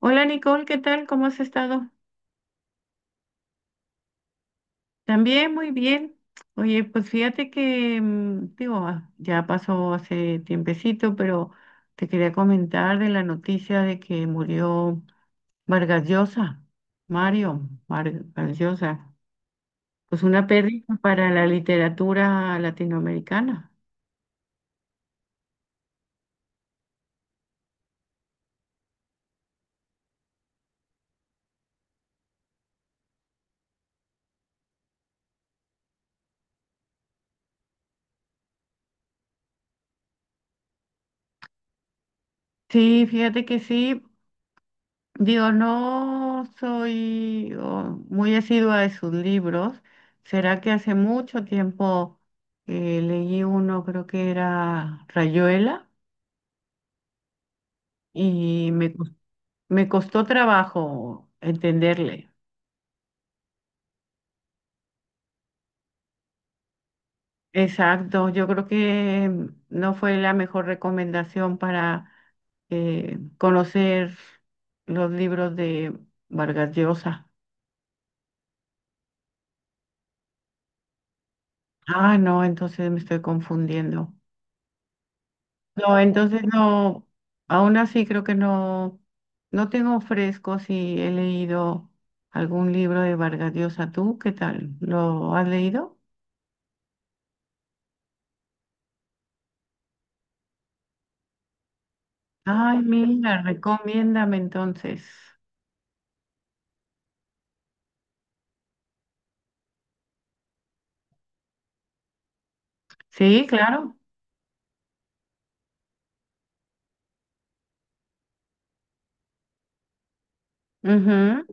Hola Nicole, ¿qué tal? ¿Cómo has estado? También muy bien. Oye, pues fíjate que, digo, ya pasó hace tiempecito, pero te quería comentar de la noticia de que murió Vargas Llosa, Vargas Llosa. Pues una pérdida para la literatura latinoamericana. Sí, fíjate que sí. Digo, no soy muy asidua de sus libros. ¿Será que hace mucho tiempo leí uno, creo que era Rayuela, y me costó trabajo entenderle? Exacto, yo creo que no fue la mejor recomendación para conocer los libros de Vargas Llosa. Ah, no, entonces me estoy confundiendo. No, entonces no, aún así creo que no, no tengo fresco si he leído algún libro de Vargas Llosa. ¿Tú qué tal? ¿Lo has leído? Ay, mira, recomiéndame entonces. Sí, claro. Ujú.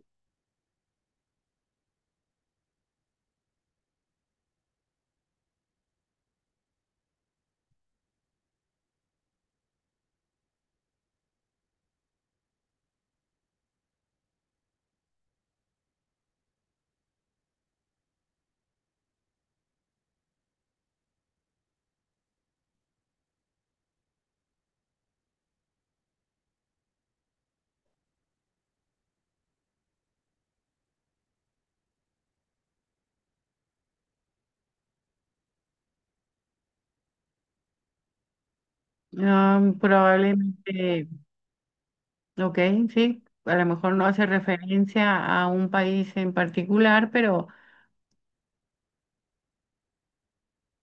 Ah, probablemente, ok, sí. A lo mejor no hace referencia a un país en particular, pero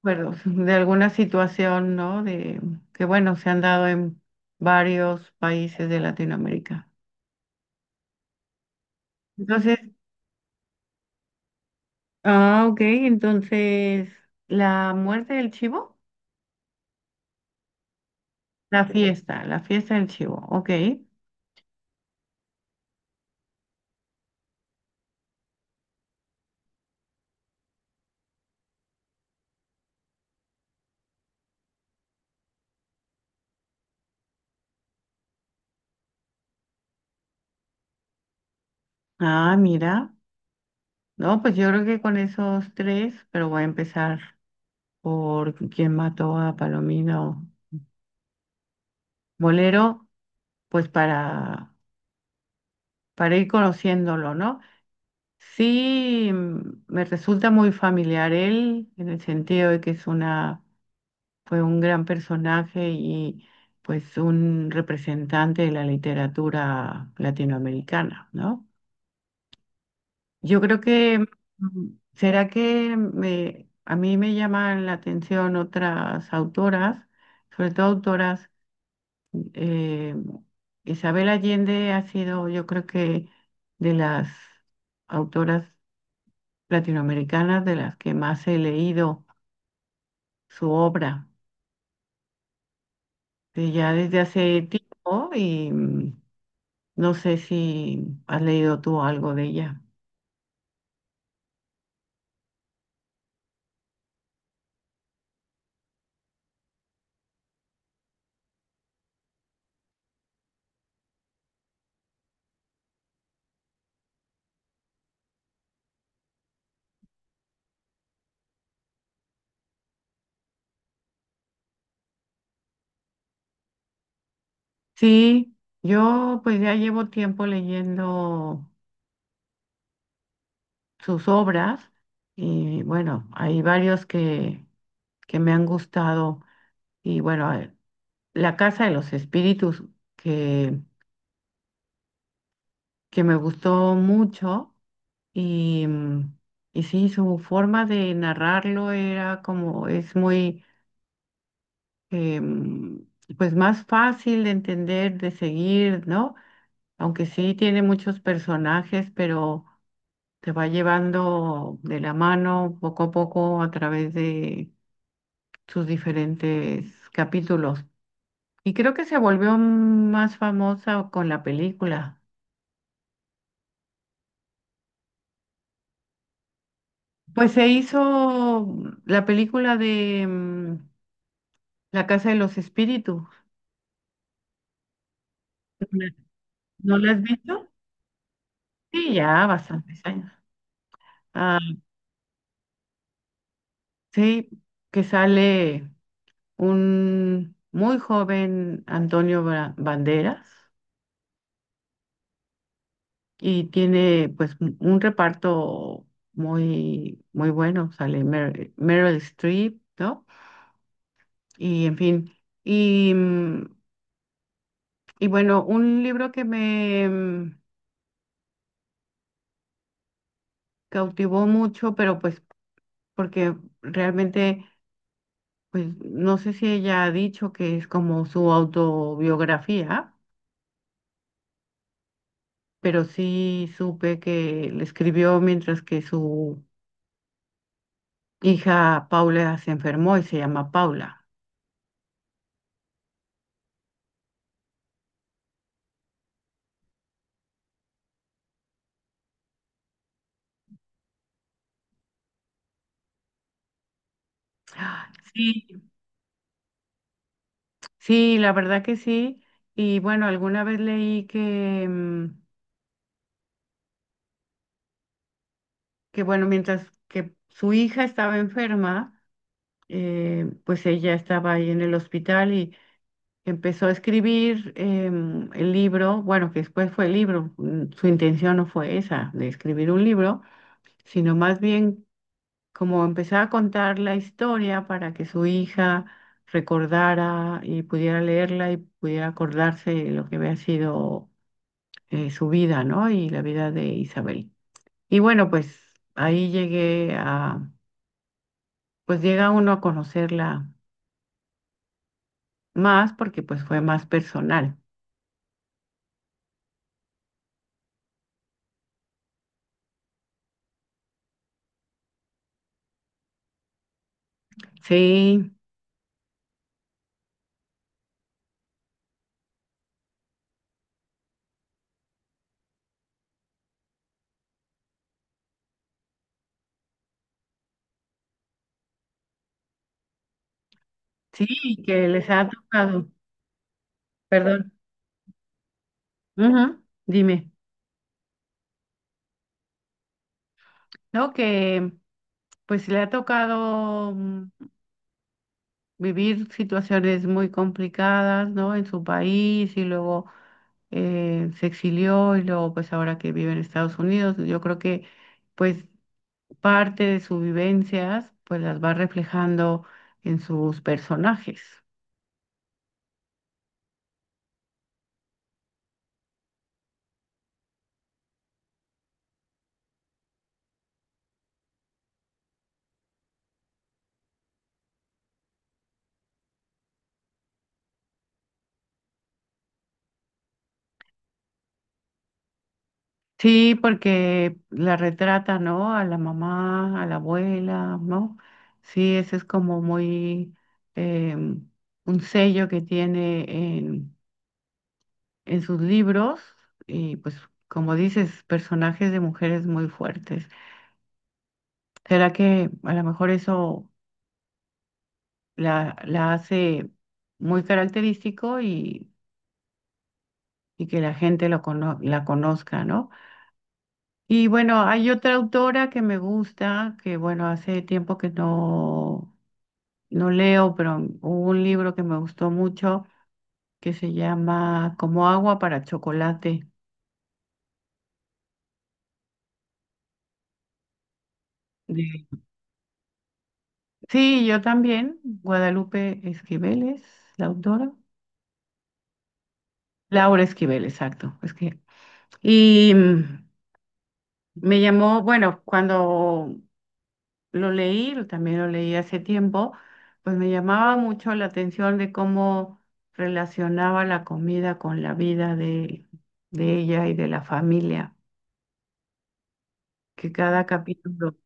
recuerdo de alguna situación, ¿no? De que bueno, se han dado en varios países de Latinoamérica. Entonces, ah, ok, entonces, la muerte del chivo, la fiesta del chivo, ok. Ah, mira, no, pues yo creo que con esos tres, pero voy a empezar por quién mató a Palomino Molero, pues para ir conociéndolo, ¿no? Sí, me resulta muy familiar él, en el sentido de que fue un gran personaje y pues un representante de la literatura latinoamericana, ¿no? Yo creo que, mm, ¿será que a mí me llaman la atención otras autoras, sobre todo autoras, eh, Isabel Allende ha sido, yo creo que, de las autoras latinoamericanas de las que más he leído su obra de ya desde hace tiempo y no sé si has leído tú algo de ella. Sí, yo pues ya llevo tiempo leyendo sus obras y bueno, hay varios que me han gustado y bueno, La Casa de los Espíritus que, que me gustó mucho. Y, y sí, su forma de narrarlo era como, es muy, em, pues más fácil de entender, de seguir, ¿no? Aunque sí tiene muchos personajes, pero te va llevando de la mano poco a poco a través de sus diferentes capítulos. Y creo que se volvió más famosa con la película. Pues se hizo la película de La Casa de los Espíritus. ¿No la has visto? Sí, ya bastantes años. Ah, sí, que sale un muy joven Banderas y tiene pues un reparto muy bueno. Sale Meryl Streep, ¿no? Y en fin. Y, y bueno, un libro que cautivó mucho, pero pues porque realmente, pues no sé si ella ha dicho que es como su autobiografía, pero sí supe que le escribió mientras que su hija Paula se enfermó y se llama Paula. Ah, sí, sí, la verdad que sí. Y bueno, alguna vez leí que, que bueno, mientras que su hija estaba enferma, pues ella estaba ahí en el hospital y empezó a escribir el libro, bueno, que después fue el libro, su intención no fue esa, de escribir un libro, sino más bien como empezar a contar la historia para que su hija recordara y pudiera leerla y pudiera acordarse de lo que había sido su vida, ¿no? Y la vida de Isabel. Y bueno, pues ahí pues llega uno a conocerla más porque pues fue más personal. Sí. Sí, que les ha tocado, perdón, ujú, dime, ¿no? Que pues le ha tocado vivir situaciones muy complicadas, ¿no? En su país y luego se exilió y luego pues ahora que vive en Estados Unidos, yo creo que pues parte de sus vivencias pues las va reflejando en sus personajes. Sí, porque la retrata, ¿no? A la mamá, a la abuela, ¿no? Sí, ese es como muy eh, un sello que tiene en, en sus libros y pues como dices, personajes de mujeres muy fuertes. ¿Será que a lo mejor eso la hace muy característico y que la gente la conozca, ¿no? Y bueno, hay otra autora que me gusta, que bueno, hace tiempo que no, no leo, pero hubo un libro que me gustó mucho que se llama Como agua para chocolate. de- Sí, yo también, Guadalupe Esquivel es la autora. Laura Esquivel, exacto. Es que... Y me llamó, bueno, cuando lo leí, también lo leí hace tiempo, pues me llamaba mucho la atención de cómo relacionaba la comida con la vida de ella y de la familia, que cada capítulo.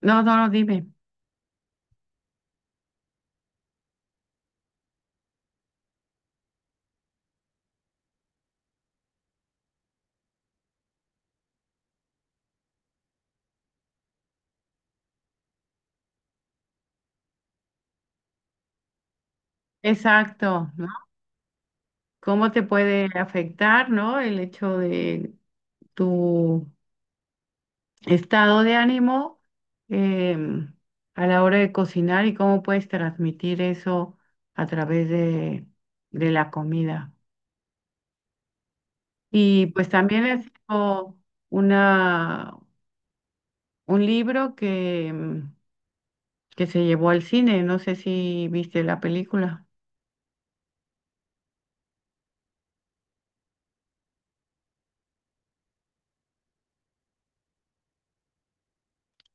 No, no, no, dime. Exacto, ¿no? ¿Cómo te puede afectar, ¿no? El hecho de tu estado de ánimo em, a la hora de cocinar y cómo puedes transmitir eso a través de la comida. Y pues también es una, un libro que, que se llevó al cine, no sé si viste la película.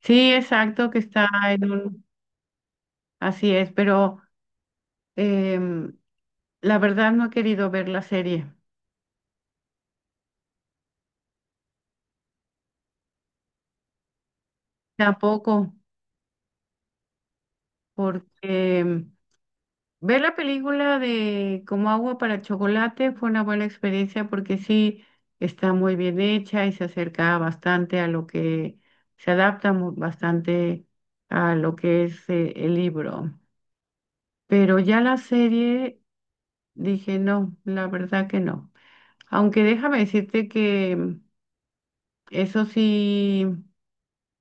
Sí, exacto, que está en un... Así es, pero... em, la verdad no he querido ver la serie, tampoco, porque ver la película de Como agua para chocolate fue una buena experiencia porque sí está muy bien hecha y se acerca bastante a lo que se adapta bastante a lo que es el libro. Pero ya la serie dije no, la verdad que no. Aunque déjame decirte que eso sí,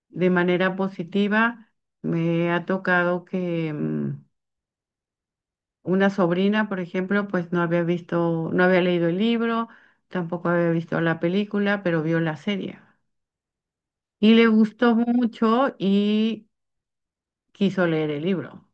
de manera positiva. Me ha tocado que una sobrina, por ejemplo, pues no había visto, no había leído el libro, tampoco había visto la película, pero vio la serie. Y le gustó mucho y quiso leer el libro.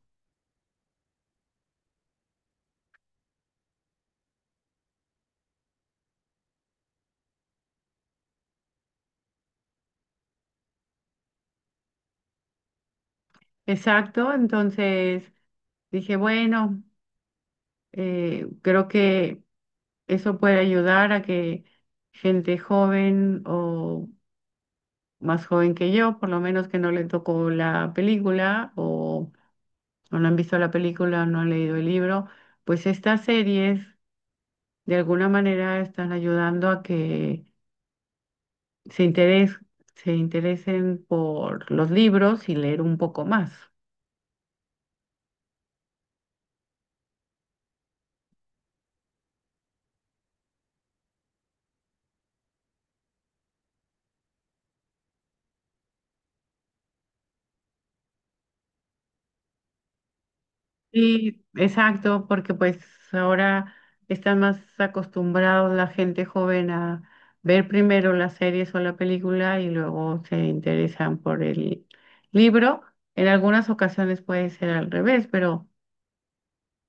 Exacto, entonces dije, bueno, creo que eso puede ayudar a que gente joven o más joven que yo, por lo menos que no le tocó la película o no han visto la película, no han leído el libro, pues estas series de alguna manera están ayudando a que se interes- se interesen por los libros y leer un poco más. Sí, exacto, porque pues ahora están más acostumbrados la gente joven a ver primero las series o la película y luego se interesan por el libro. En algunas ocasiones puede ser al revés, pero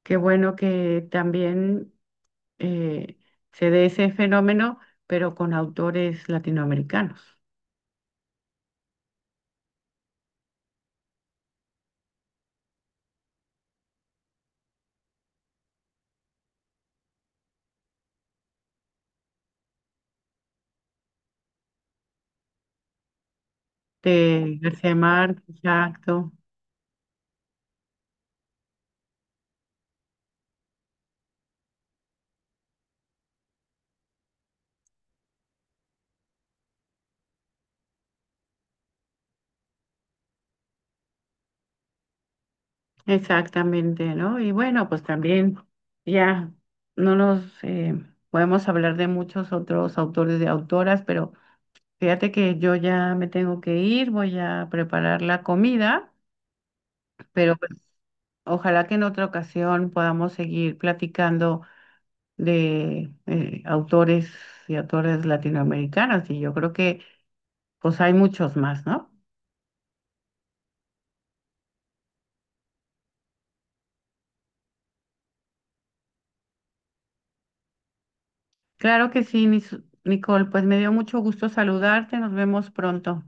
qué bueno que también eh, se dé ese fenómeno, pero con autores latinoamericanos. De García Márquez, exacto, exactamente, ¿no? Y bueno, pues también ya no nos podemos hablar de muchos otros autores de autoras, pero fíjate que yo ya me tengo que ir, voy a preparar la comida, pero pues ojalá que en otra ocasión podamos seguir platicando de autores y autores latinoamericanos. Y yo creo que pues hay muchos más, ¿no? Claro que sí, Nicole, pues me dio mucho gusto saludarte, nos vemos pronto.